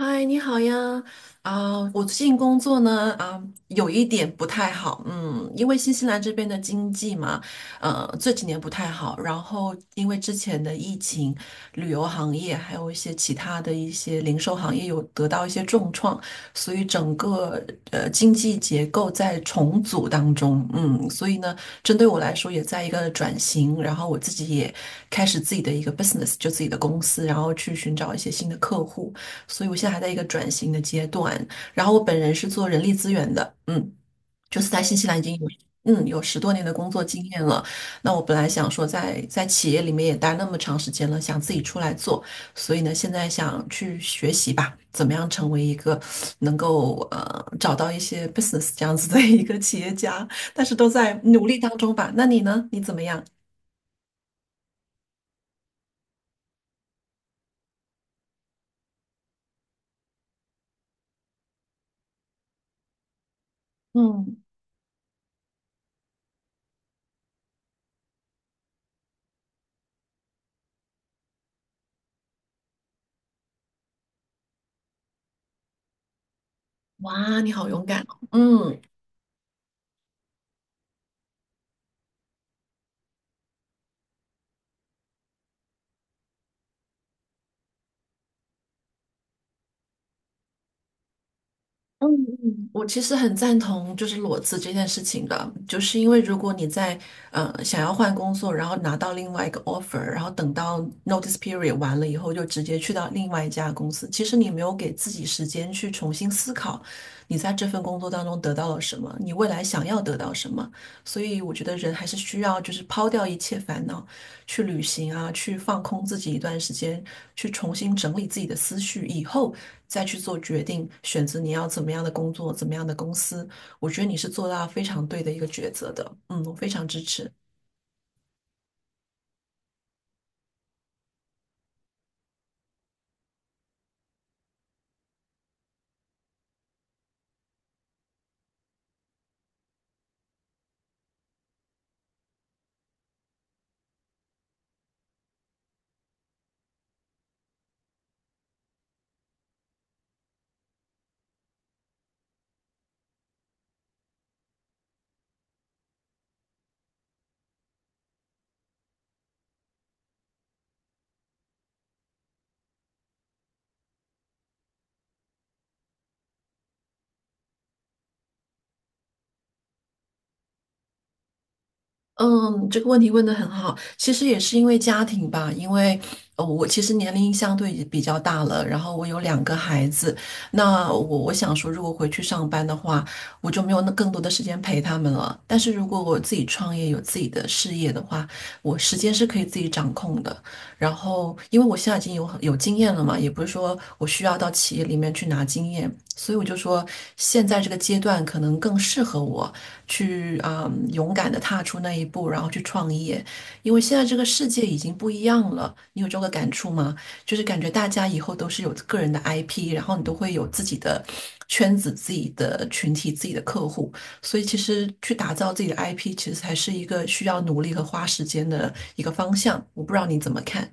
嗨，你好呀！我最近工作呢，有一点不太好，嗯，因为新西兰这边的经济嘛，这几年不太好，然后因为之前的疫情，旅游行业还有一些其他的一些零售行业有得到一些重创，所以整个经济结构在重组当中，嗯，所以呢，针对我来说也在一个转型，然后我自己也开始自己的一个 business，就自己的公司，然后去寻找一些新的客户。所以我现在还在一个转型的阶段。然后我本人是做人力资源的，嗯，就是在新西兰已经有有十多年的工作经验了。那我本来想说在企业里面也待那么长时间了，想自己出来做，所以呢，现在想去学习吧，怎么样成为一个能够找到一些 business 这样子的一个企业家，但是都在努力当中吧。那你呢？你怎么样？嗯，哇，你好勇敢哦！嗯嗯嗯，我其实很赞同就是裸辞这件事情的，就是因为如果你在想要换工作，然后拿到另外一个 offer，然后等到 notice period 完了以后，就直接去到另外一家公司，其实你没有给自己时间去重新思考你在这份工作当中得到了什么，你未来想要得到什么，所以我觉得人还是需要就是抛掉一切烦恼。去旅行啊，去放空自己一段时间，去重新整理自己的思绪，以后再去做决定，选择你要怎么样的工作，怎么样的公司。我觉得你是做到非常对的一个抉择的，嗯，我非常支持。嗯，这个问题问得很好。其实也是因为家庭吧，因为我其实年龄相对也比较大了，然后我有两个孩子，那我想说，如果回去上班的话，我就没有那更多的时间陪他们了。但是如果我自己创业，有自己的事业的话，我时间是可以自己掌控的。然后，因为我现在已经有经验了嘛，也不是说我需要到企业里面去拿经验，所以我就说，现在这个阶段可能更适合我去勇敢的踏出那一步，然后去创业，因为现在这个世界已经不一样了。你有这个感触吗？就是感觉大家以后都是有个人的 IP，然后你都会有自己的圈子、自己的群体、自己的客户，所以其实去打造自己的 IP，其实还是一个需要努力和花时间的一个方向。我不知道你怎么看。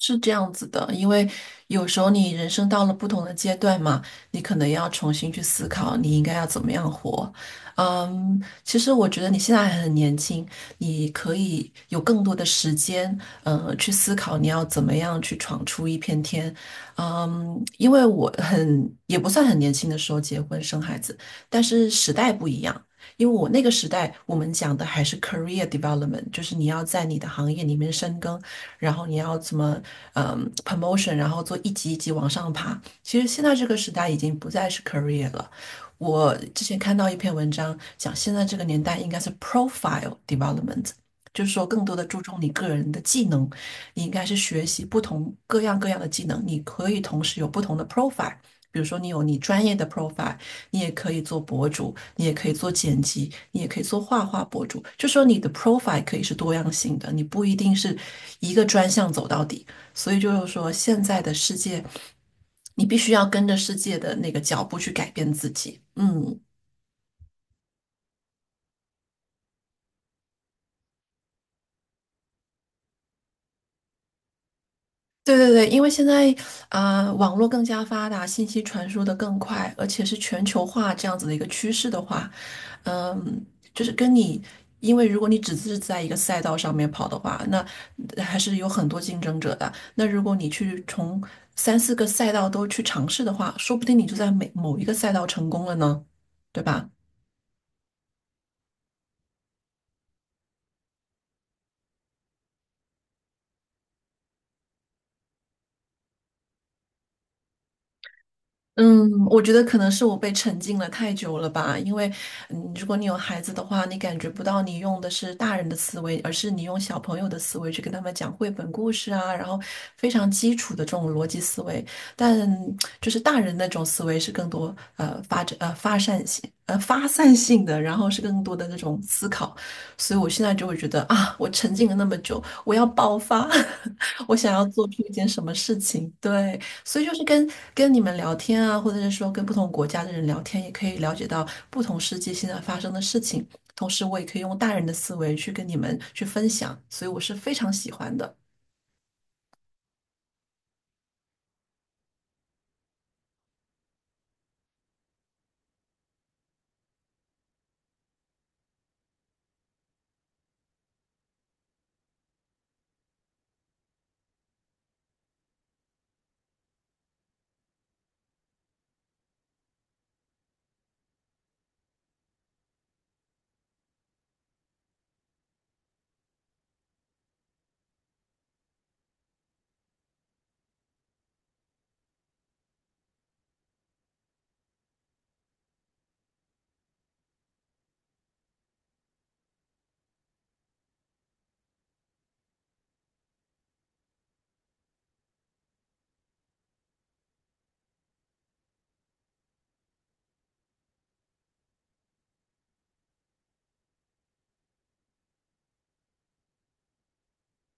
是这样子的，因为有时候你人生到了不同的阶段嘛，你可能要重新去思考你应该要怎么样活。嗯，其实我觉得你现在还很年轻，你可以有更多的时间，去思考你要怎么样去闯出一片天。嗯，因为我很，也不算很年轻的时候结婚生孩子，但是时代不一样。因为我那个时代，我们讲的还是 career development，就是你要在你的行业里面深耕，然后你要怎么promotion，然后做一级一级往上爬。其实现在这个时代已经不再是 career 了。我之前看到一篇文章讲，现在这个年代应该是 profile development，就是说更多的注重你个人的技能，你应该是学习不同各样各样的技能，你可以同时有不同的 profile。比如说，你有你专业的 profile，你也可以做博主，你也可以做剪辑，你也可以做画画博主。就说你的 profile 可以是多样性的，你不一定是一个专项走到底。所以就是说，现在的世界，你必须要跟着世界的那个脚步去改变自己。嗯。对对对，因为现在网络更加发达，信息传输的更快，而且是全球化这样子的一个趋势的话，嗯，就是跟你，因为如果你只是在一个赛道上面跑的话，那还是有很多竞争者的。那如果你去从三四个赛道都去尝试的话，说不定你就在每某一个赛道成功了呢，对吧？嗯，我觉得可能是我被沉浸了太久了吧，因为，嗯，如果你有孩子的话，你感觉不到你用的是大人的思维，而是你用小朋友的思维去跟他们讲绘本故事啊，然后非常基础的这种逻辑思维，但就是大人那种思维是更多发散性的，然后是更多的那种思考，所以我现在就会觉得啊，我沉浸了那么久，我要爆发，我想要做出一件什么事情，对。所以就是跟跟你们聊天啊，或者是说跟不同国家的人聊天，也可以了解到不同世界现在发生的事情。同时，我也可以用大人的思维去跟你们去分享，所以我是非常喜欢的。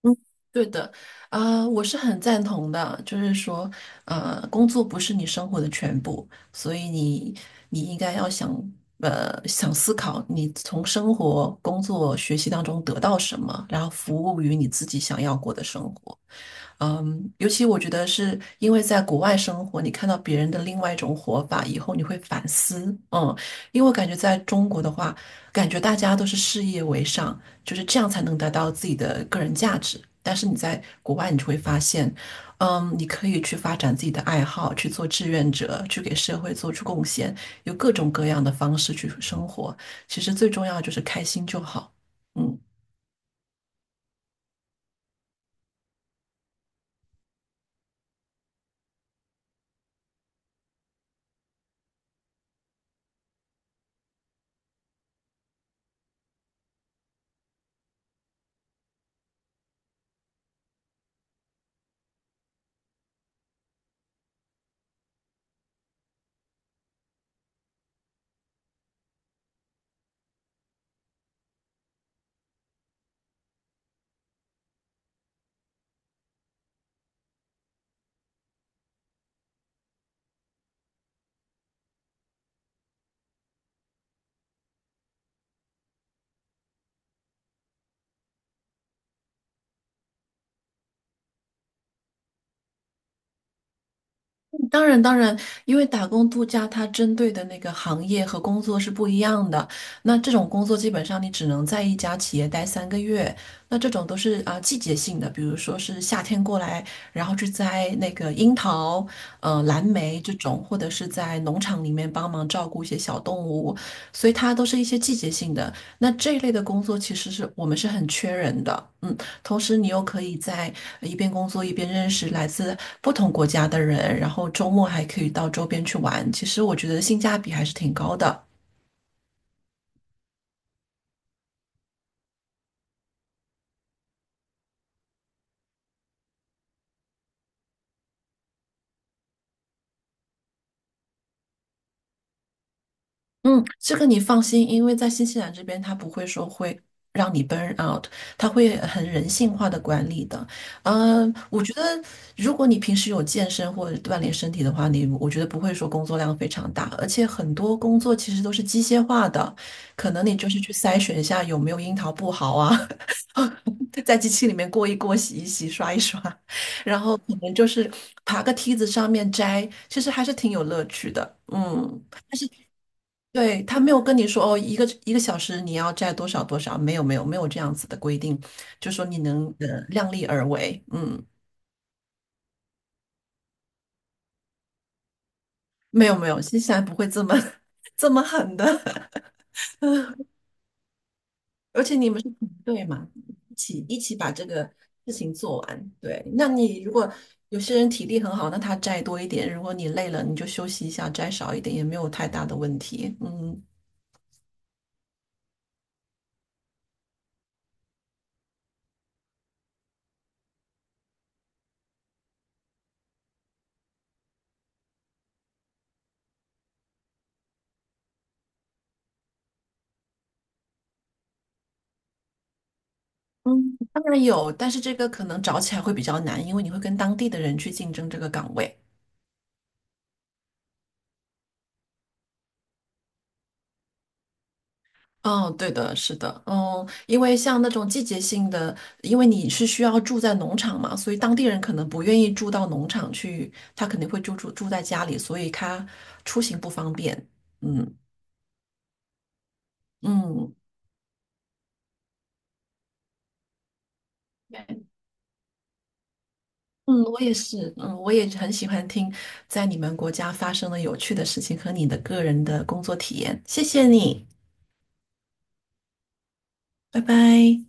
嗯对的，我是很赞同的，就是说，工作不是你生活的全部，所以你应该要想，想思考你从生活、工作、学习当中得到什么，然后服务于你自己想要过的生活。嗯，尤其我觉得是因为在国外生活，你看到别人的另外一种活法以后，你会反思。嗯，因为我感觉在中国的话，感觉大家都是事业为上，就是这样才能达到自己的个人价值。但是你在国外，你就会发现，嗯，你可以去发展自己的爱好，去做志愿者，去给社会做出贡献，有各种各样的方式去生活。其实最重要的就是开心就好。嗯。当然，当然，因为打工度假它针对的那个行业和工作是不一样的。那这种工作基本上你只能在一家企业待三个月。那这种都是季节性的，比如说是夏天过来，然后去摘那个樱桃、蓝莓这种，或者是在农场里面帮忙照顾一些小动物，所以它都是一些季节性的。那这一类的工作其实是我们是很缺人的，嗯。同时你又可以在一边工作一边认识来自不同国家的人，然后周末还可以到周边去玩。其实我觉得性价比还是挺高的。嗯，这个你放心，因为在新西兰这边，他不会说会让你 burn out，他会很人性化的管理的。嗯，我觉得如果你平时有健身或者锻炼身体的话，你我觉得不会说工作量非常大，而且很多工作其实都是机械化的，可能你就是去筛选一下有没有樱桃不好啊，在机器里面过一过、洗一洗、刷一刷，然后可能就是爬个梯子上面摘，其实还是挺有乐趣的。嗯。对，他没有跟你说哦，一个一个小时你要摘多少多少，没有没有没有这样子的规定，就说你能量力而为，嗯，没有没有，新西兰不会这么 这么狠的，而且你们是团队嘛，一起一起把这个事情做完。对，那你如果有些人体力很好，那他摘多一点；如果你累了，你就休息一下，摘少一点也没有太大的问题，嗯。嗯，当然有，但是这个可能找起来会比较难，因为你会跟当地的人去竞争这个岗位。嗯，对的，是的，嗯，因为像那种季节性的，因为你是需要住在农场嘛，所以当地人可能不愿意住到农场去，他肯定会住在家里，所以他出行不方便。嗯嗯嗯，我也是，嗯，我也很喜欢听在你们国家发生的有趣的事情和你的个人的工作体验。谢谢你，拜拜。